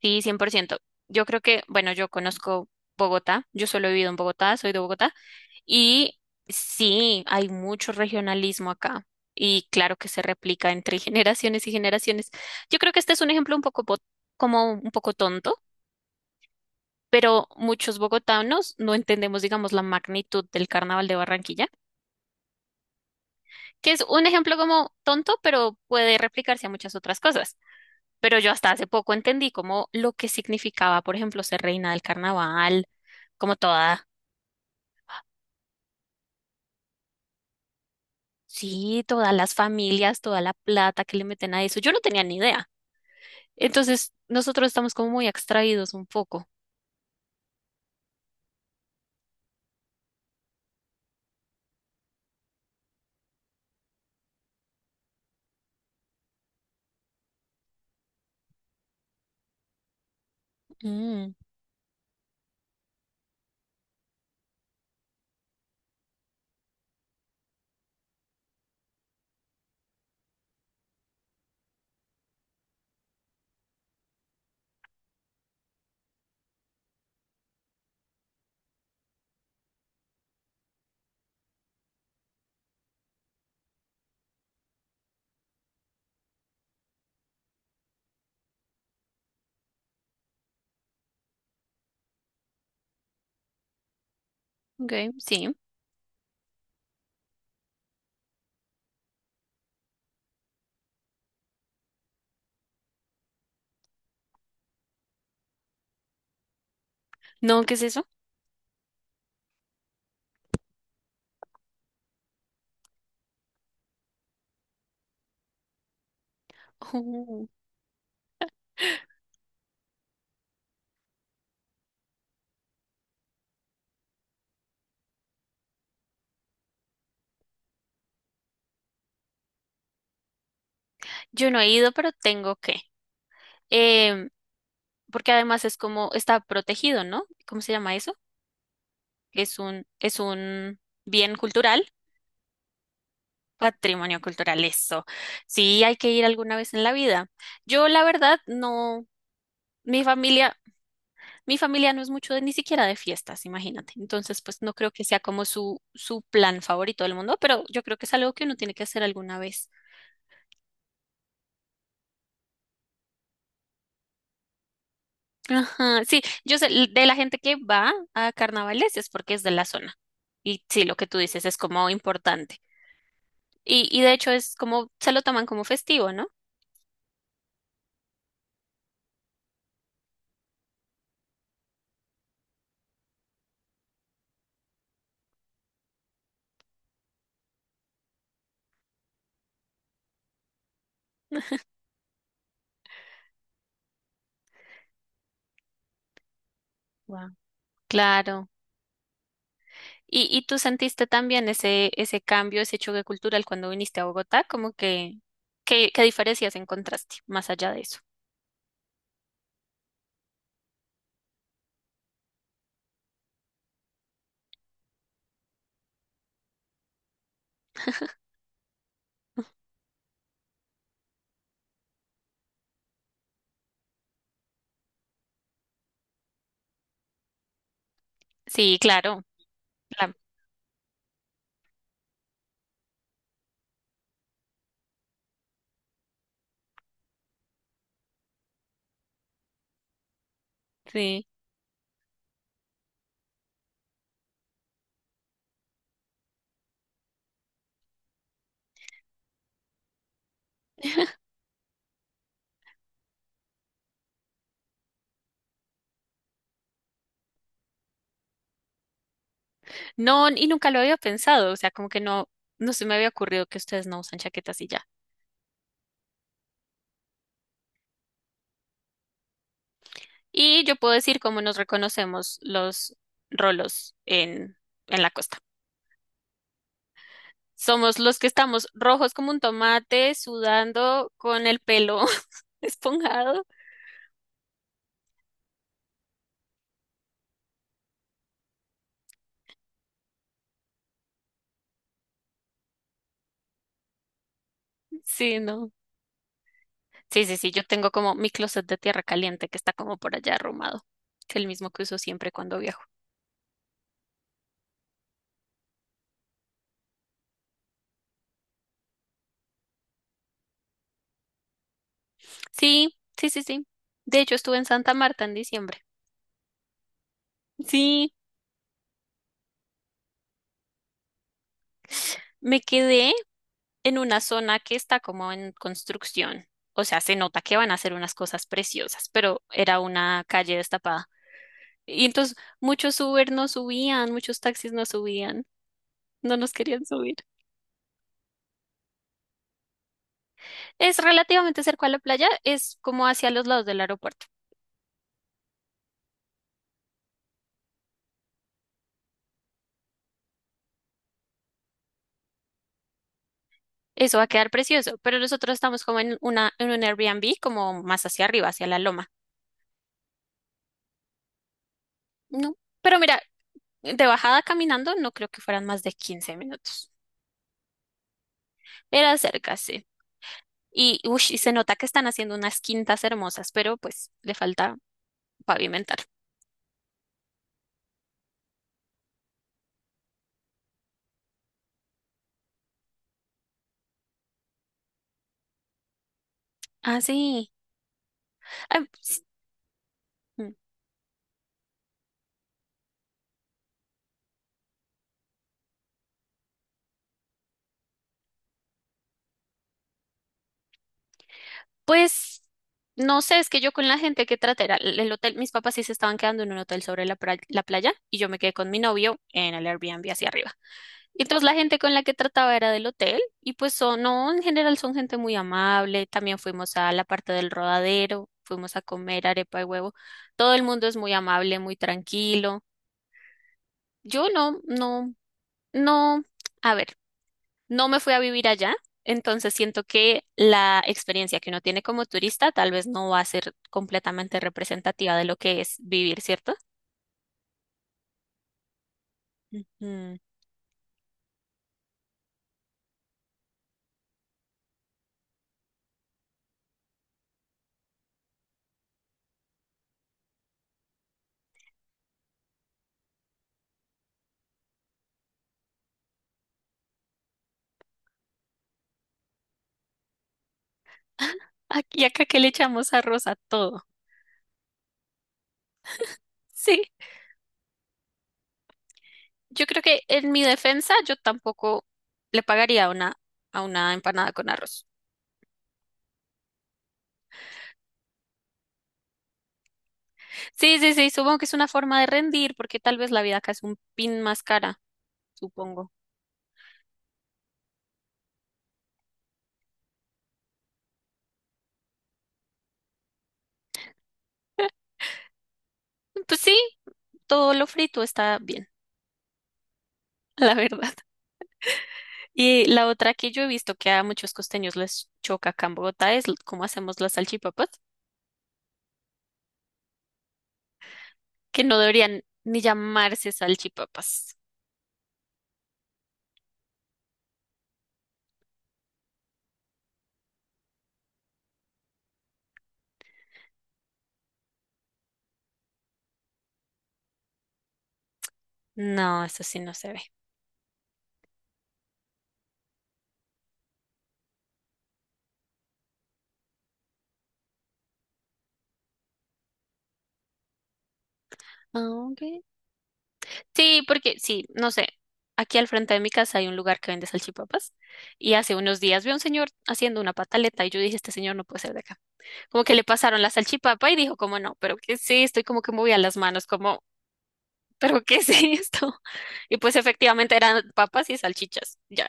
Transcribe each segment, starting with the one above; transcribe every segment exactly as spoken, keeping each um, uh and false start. Sí, cien por ciento. Yo creo que, bueno, yo conozco Bogotá, yo solo he vivido en Bogotá, soy de Bogotá, y sí, hay mucho regionalismo acá, y claro que se replica entre generaciones y generaciones. Yo creo que este es un ejemplo un poco, po- como un poco tonto, pero muchos bogotanos no entendemos, digamos, la magnitud del Carnaval de Barranquilla, que es un ejemplo como tonto, pero puede replicarse a muchas otras cosas. Pero yo hasta hace poco entendí como lo que significaba, por ejemplo, ser reina del carnaval, como toda, sí, todas las familias, toda la plata que le meten a eso. Yo no tenía ni idea. Entonces, nosotros estamos como muy extraídos un poco. Mm, ok, sí. No, ¿qué es eso? Uh, yo no he ido, pero tengo que. Em, Porque además es como, está protegido, ¿no? ¿Cómo se llama eso? Es un, es un bien cultural. Patrimonio cultural, eso. Sí, hay que ir alguna vez en la vida. Yo, la verdad, no, mi familia, mi familia no es mucho de ni siquiera de fiestas, imagínate. Entonces, pues no creo que sea como su, su plan favorito del mundo, pero yo creo que es algo que uno tiene que hacer alguna vez. Ajá, sí, yo sé, l- de la gente que va a carnavales es porque es de la zona. Y sí, lo que tú dices es como importante. Y, y de hecho es como, se lo toman como festivo, ¿no? Wow. Claro. ¿Y, y tú sentiste también ese, ese cambio, ese choque cultural cuando viniste a Bogotá? Como que, ¿qué, qué diferencias encontraste más allá de eso? Sí, claro, la- sí. No, y nunca lo había pensado, o sea, como que no, no se me había ocurrido que ustedes no usan chaquetas y ya. Y yo puedo decir cómo nos reconocemos los rolos en, en la costa. Somos los que estamos rojos como un tomate, sudando con el pelo esponjado. Sí, no. Sí, sí, sí, yo tengo como mi closet de tierra caliente que está como por allá arrumado. Es el mismo que uso siempre cuando viajo. Sí, sí, sí, sí. De hecho, estuve en Santa Marta en diciembre. Sí, me quedé en una zona que está como en construcción. O sea, se nota que van a hacer unas cosas preciosas, pero era una calle destapada. Y entonces muchos Uber no subían, muchos taxis no subían, no nos querían subir. Es relativamente cerca a la playa, es como hacia los lados del aeropuerto. Eso va a quedar precioso, pero nosotros estamos como en una, en un Airbnb, como más hacia arriba, hacia la loma. No, pero mira, de bajada caminando no creo que fueran más de quince minutos. Era cerca, sí. Y, ush, y se nota que están haciendo unas quintas hermosas, pero pues le falta pavimentar. Ah, sí. Ah, ps- mm, pues no sé, es que yo con la gente que traté era el el hotel, mis papás sí se estaban quedando en un hotel sobre la pra- la playa y yo me quedé con mi novio en el Airbnb hacia arriba. Y entonces la gente con la que trataba era del hotel y pues son, no, en general son gente muy amable. También fuimos a la parte del rodadero, fuimos a comer arepa y huevo. Todo el mundo es muy amable, muy tranquilo. Yo no, no, no, a ver, no me fui a vivir allá, entonces siento que la experiencia que uno tiene como turista tal vez no va a ser completamente representativa de lo que es vivir, ¿cierto? Ujú. Aquí acá que le echamos arroz a todo. Sí. Yo creo que en mi defensa yo tampoco le pagaría a una, a una empanada con arroz. Sí, sí, sí, supongo que es una forma de rendir porque tal vez la vida acá es un pin más cara, supongo. Pues sí, todo lo frito está bien, la verdad. Y la otra que yo he visto que a muchos costeños les choca acá en Bogotá es l- cómo hacemos las salchipapas, que no deberían ni llamarse salchipapas. No, eso sí no se ve. Ah, ok. Sí, porque sí, no sé. Aquí al frente de mi casa hay un lugar que vende salchipapas y hace unos días vi a un señor haciendo una pataleta y yo dije, este señor no puede ser de acá. Como que le pasaron la salchipapa y dijo, como no, pero que sí, estoy como que movía las manos, como, pero ¿qué es esto? Y pues efectivamente eran papas y salchichas. Ya.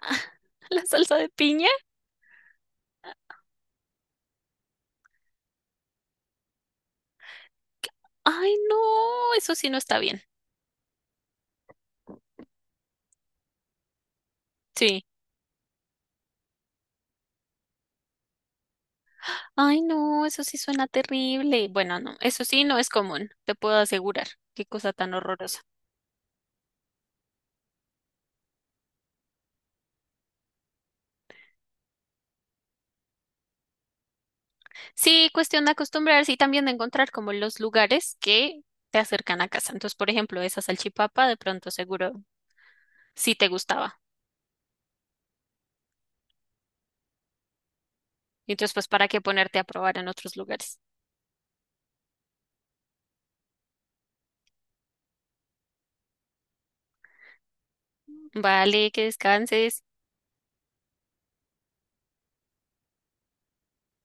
La salsa de piña. Ay, no, eso sí no está bien. Sí. Ay, no, eso sí suena terrible. Bueno, no, eso sí no es común, te puedo asegurar. Qué cosa tan horrorosa. Sí, cuestión de acostumbrarse y también de encontrar como los lugares que te acercan a casa. Entonces, por ejemplo, esa salchipapa de pronto seguro sí te gustaba. Y entonces, pues, ¿para qué ponerte a probar en otros lugares? Vale, que descanses.